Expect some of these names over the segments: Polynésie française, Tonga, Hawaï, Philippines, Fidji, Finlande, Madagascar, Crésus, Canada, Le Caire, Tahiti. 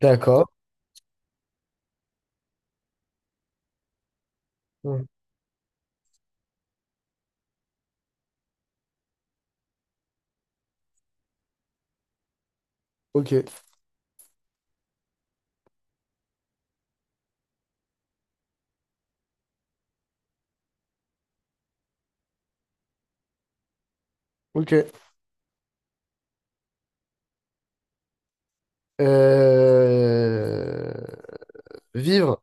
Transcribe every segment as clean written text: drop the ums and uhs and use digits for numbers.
D'accord. Mhm. Ok, ok. Euh, Vivre,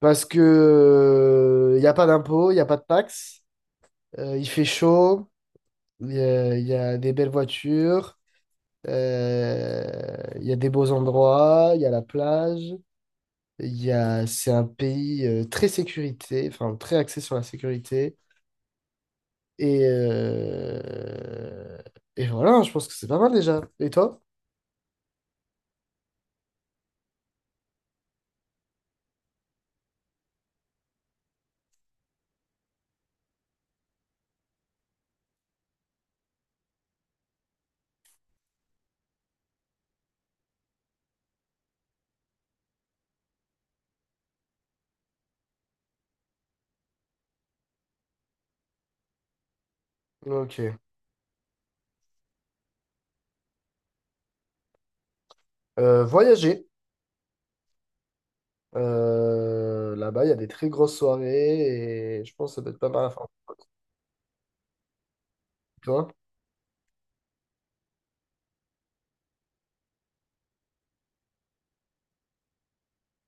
parce que il n'y a pas d'impôts, il n'y a pas de taxes, il fait chaud, il y a, y a des belles voitures. Il y a des beaux endroits, il y a la plage, c'est un pays très sécurité, enfin très axé sur la sécurité. Et, euh, et voilà, je pense que c'est pas mal déjà. Et toi? Ok. Voyager. Là-bas, il y a des très grosses soirées et je pense que ça peut être pas mal à faire. Toi?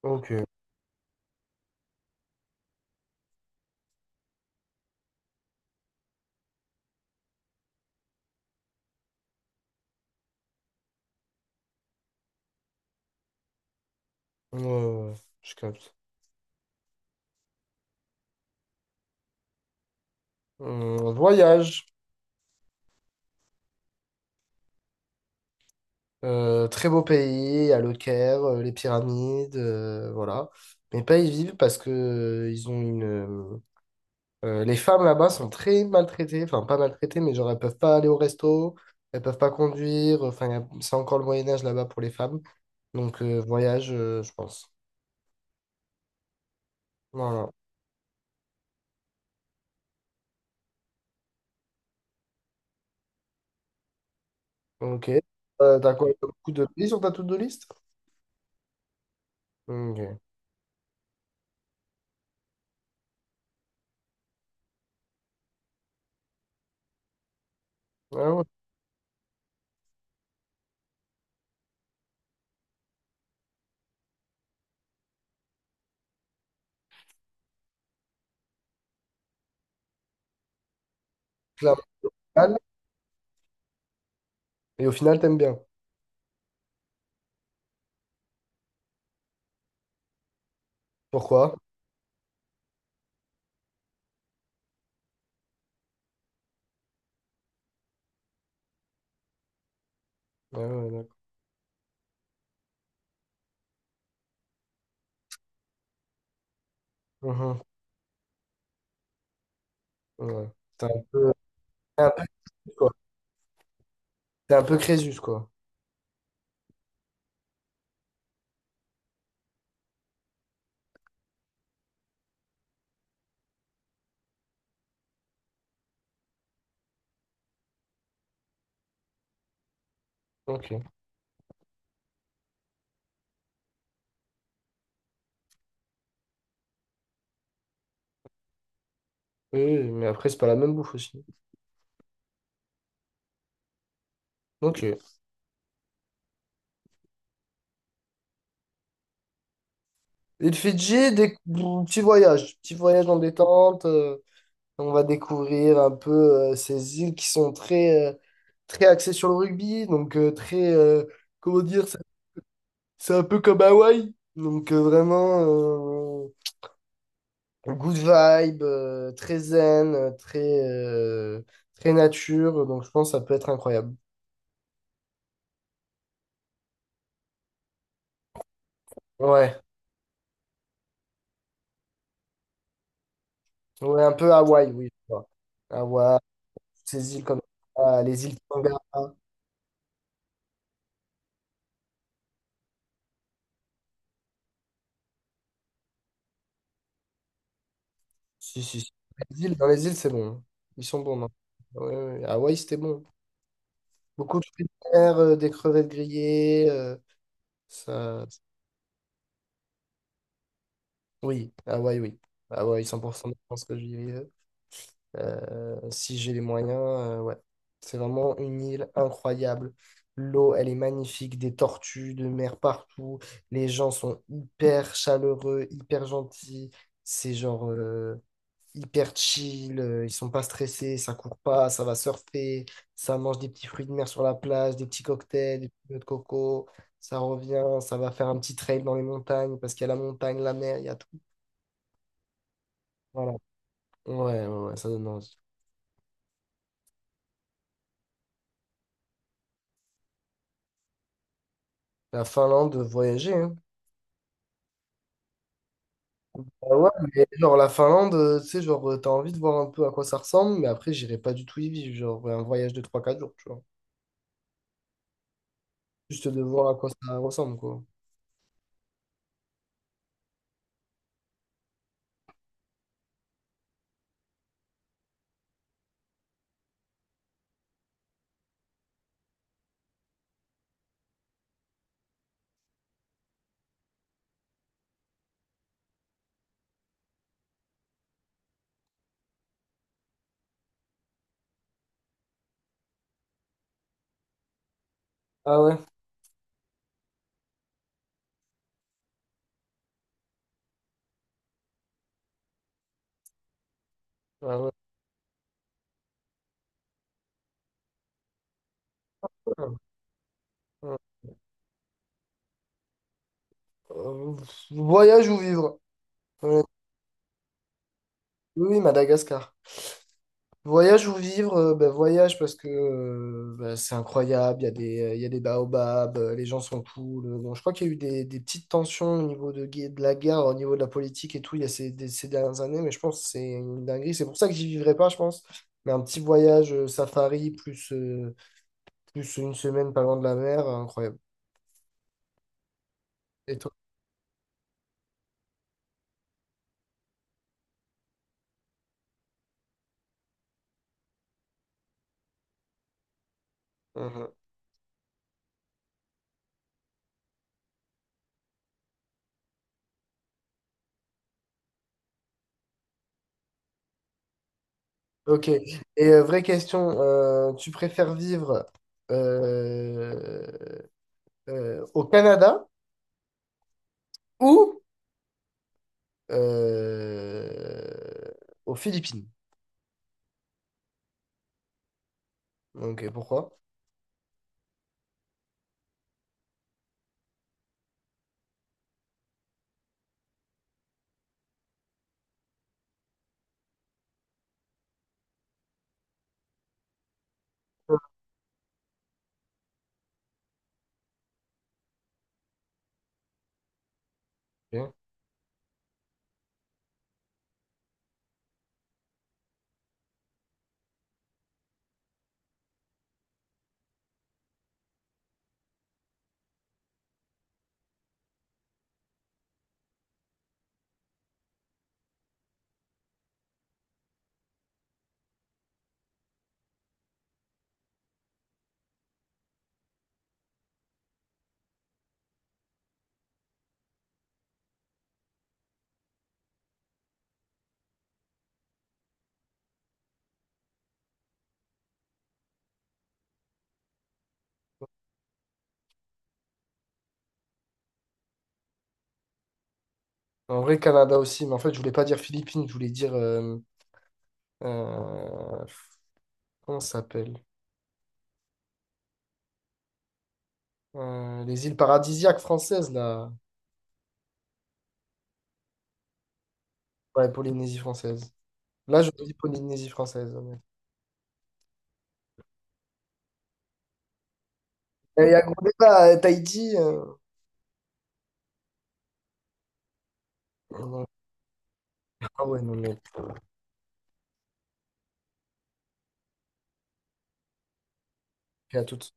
Ok. Ouais, ouais, je capte. Voyage. Très beau pays, à Le Caire, les pyramides, voilà. Mais pas y vivre parce que ils ont une. Les femmes là-bas sont très maltraitées, enfin pas maltraitées, mais genre elles peuvent pas aller au resto, elles peuvent pas conduire. Enfin, c'est encore le Moyen Âge là-bas pour les femmes. Donc voyage, je pense. Voilà. Ok. T'as quoi? T'as beaucoup de pays sur ta to-do list? Ok. Ah ouais. Clairement. Et au final, t'aimes bien. Pourquoi? Ah ouais, d'accord. Mhm. Ouais. T'es un peu, t'es un peu, quoi. T'es un peu Crésus, quoi. Ok. Oui, oui, mais après, c'est pas la même bouffe aussi. Ok. Et le Fidji, des... petits voyages. Petit voyage en détente, on va découvrir un peu ces îles qui sont très, très axées sur le rugby. Donc, très. Comment dire? ça- C'est un peu comme Hawaï. Donc, vraiment. euh, Good vibe, très zen, euh, très nature. Donc, je pense que ça peut être incroyable. Ouais, ouais, un peu Hawaï, oui, je vois. Hawaï, ces îles comme ça, les îles Tonga. Si, si, si. Les îles, dans les îles, c'est bon, hein. Ils sont bons, non? Ouais, ouais, ouais. Hawaï, c'était bon. Beaucoup de fruits de mer, des crevettes grillées. Ça... oui. Hawaï, 100% je pense que j'y ai. Si j'ai les moyens, ouais. C'est vraiment une île incroyable. L'eau, elle est magnifique, des tortues de mer partout. Les gens sont hyper chaleureux, hyper gentils. C'est hyper chill. Ils sont pas stressés, ça court pas, ça va surfer, ça mange des petits fruits de mer sur la plage, des petits cocktails, des petits noix de coco. Ça revient, ça va faire un petit trail dans les montagnes parce qu'il y a la montagne, la mer, il y a tout. Voilà. Ouais, ouais, ouais, ça donne envie. La Finlande, voyager, hein. Ah ouais, mais genre la Finlande, tu sais, t'as envie de voir un peu à quoi ça ressemble, mais après j'irai pas du tout y vivre, genre un voyage de trois quatre jours, tu vois. Juste de voir à quoi ça ressemble, quoi. Ah ouais? Ah ouais. Ah, ah. Euh, Voyage ou vivre? Euh, oui, oui, Madagascar. Voyage ou vivre, bah, voyage parce que bah, c'est incroyable, il y a il y a des baobabs, les gens sont cool. Bon, je crois qu'il y a eu des petites tensions au niveau de la guerre, au niveau de la politique et tout, il y a ces dernières années, mais je pense que c'est une dinguerie. C'est pour ça que j'y vivrai pas, je pense. Mais un petit voyage safari plus, plus une semaine pas loin de la mer, incroyable. Et toi? Mhm. Ok. Et vraie question, tu préfères vivre euh, au Canada? Ou euh, aux Philippines. Donc, pourquoi? Ok. En vrai, Canada aussi, mais en fait, je voulais pas dire Philippines, je voulais dire, euh, comment ça s'appelle? Les îles paradisiaques françaises, là. Ouais, Polynésie française. Là, je dis Polynésie française, ouais. Il y a gros débat, Tahiti. Ah ouais, non, mais. Et à toutes.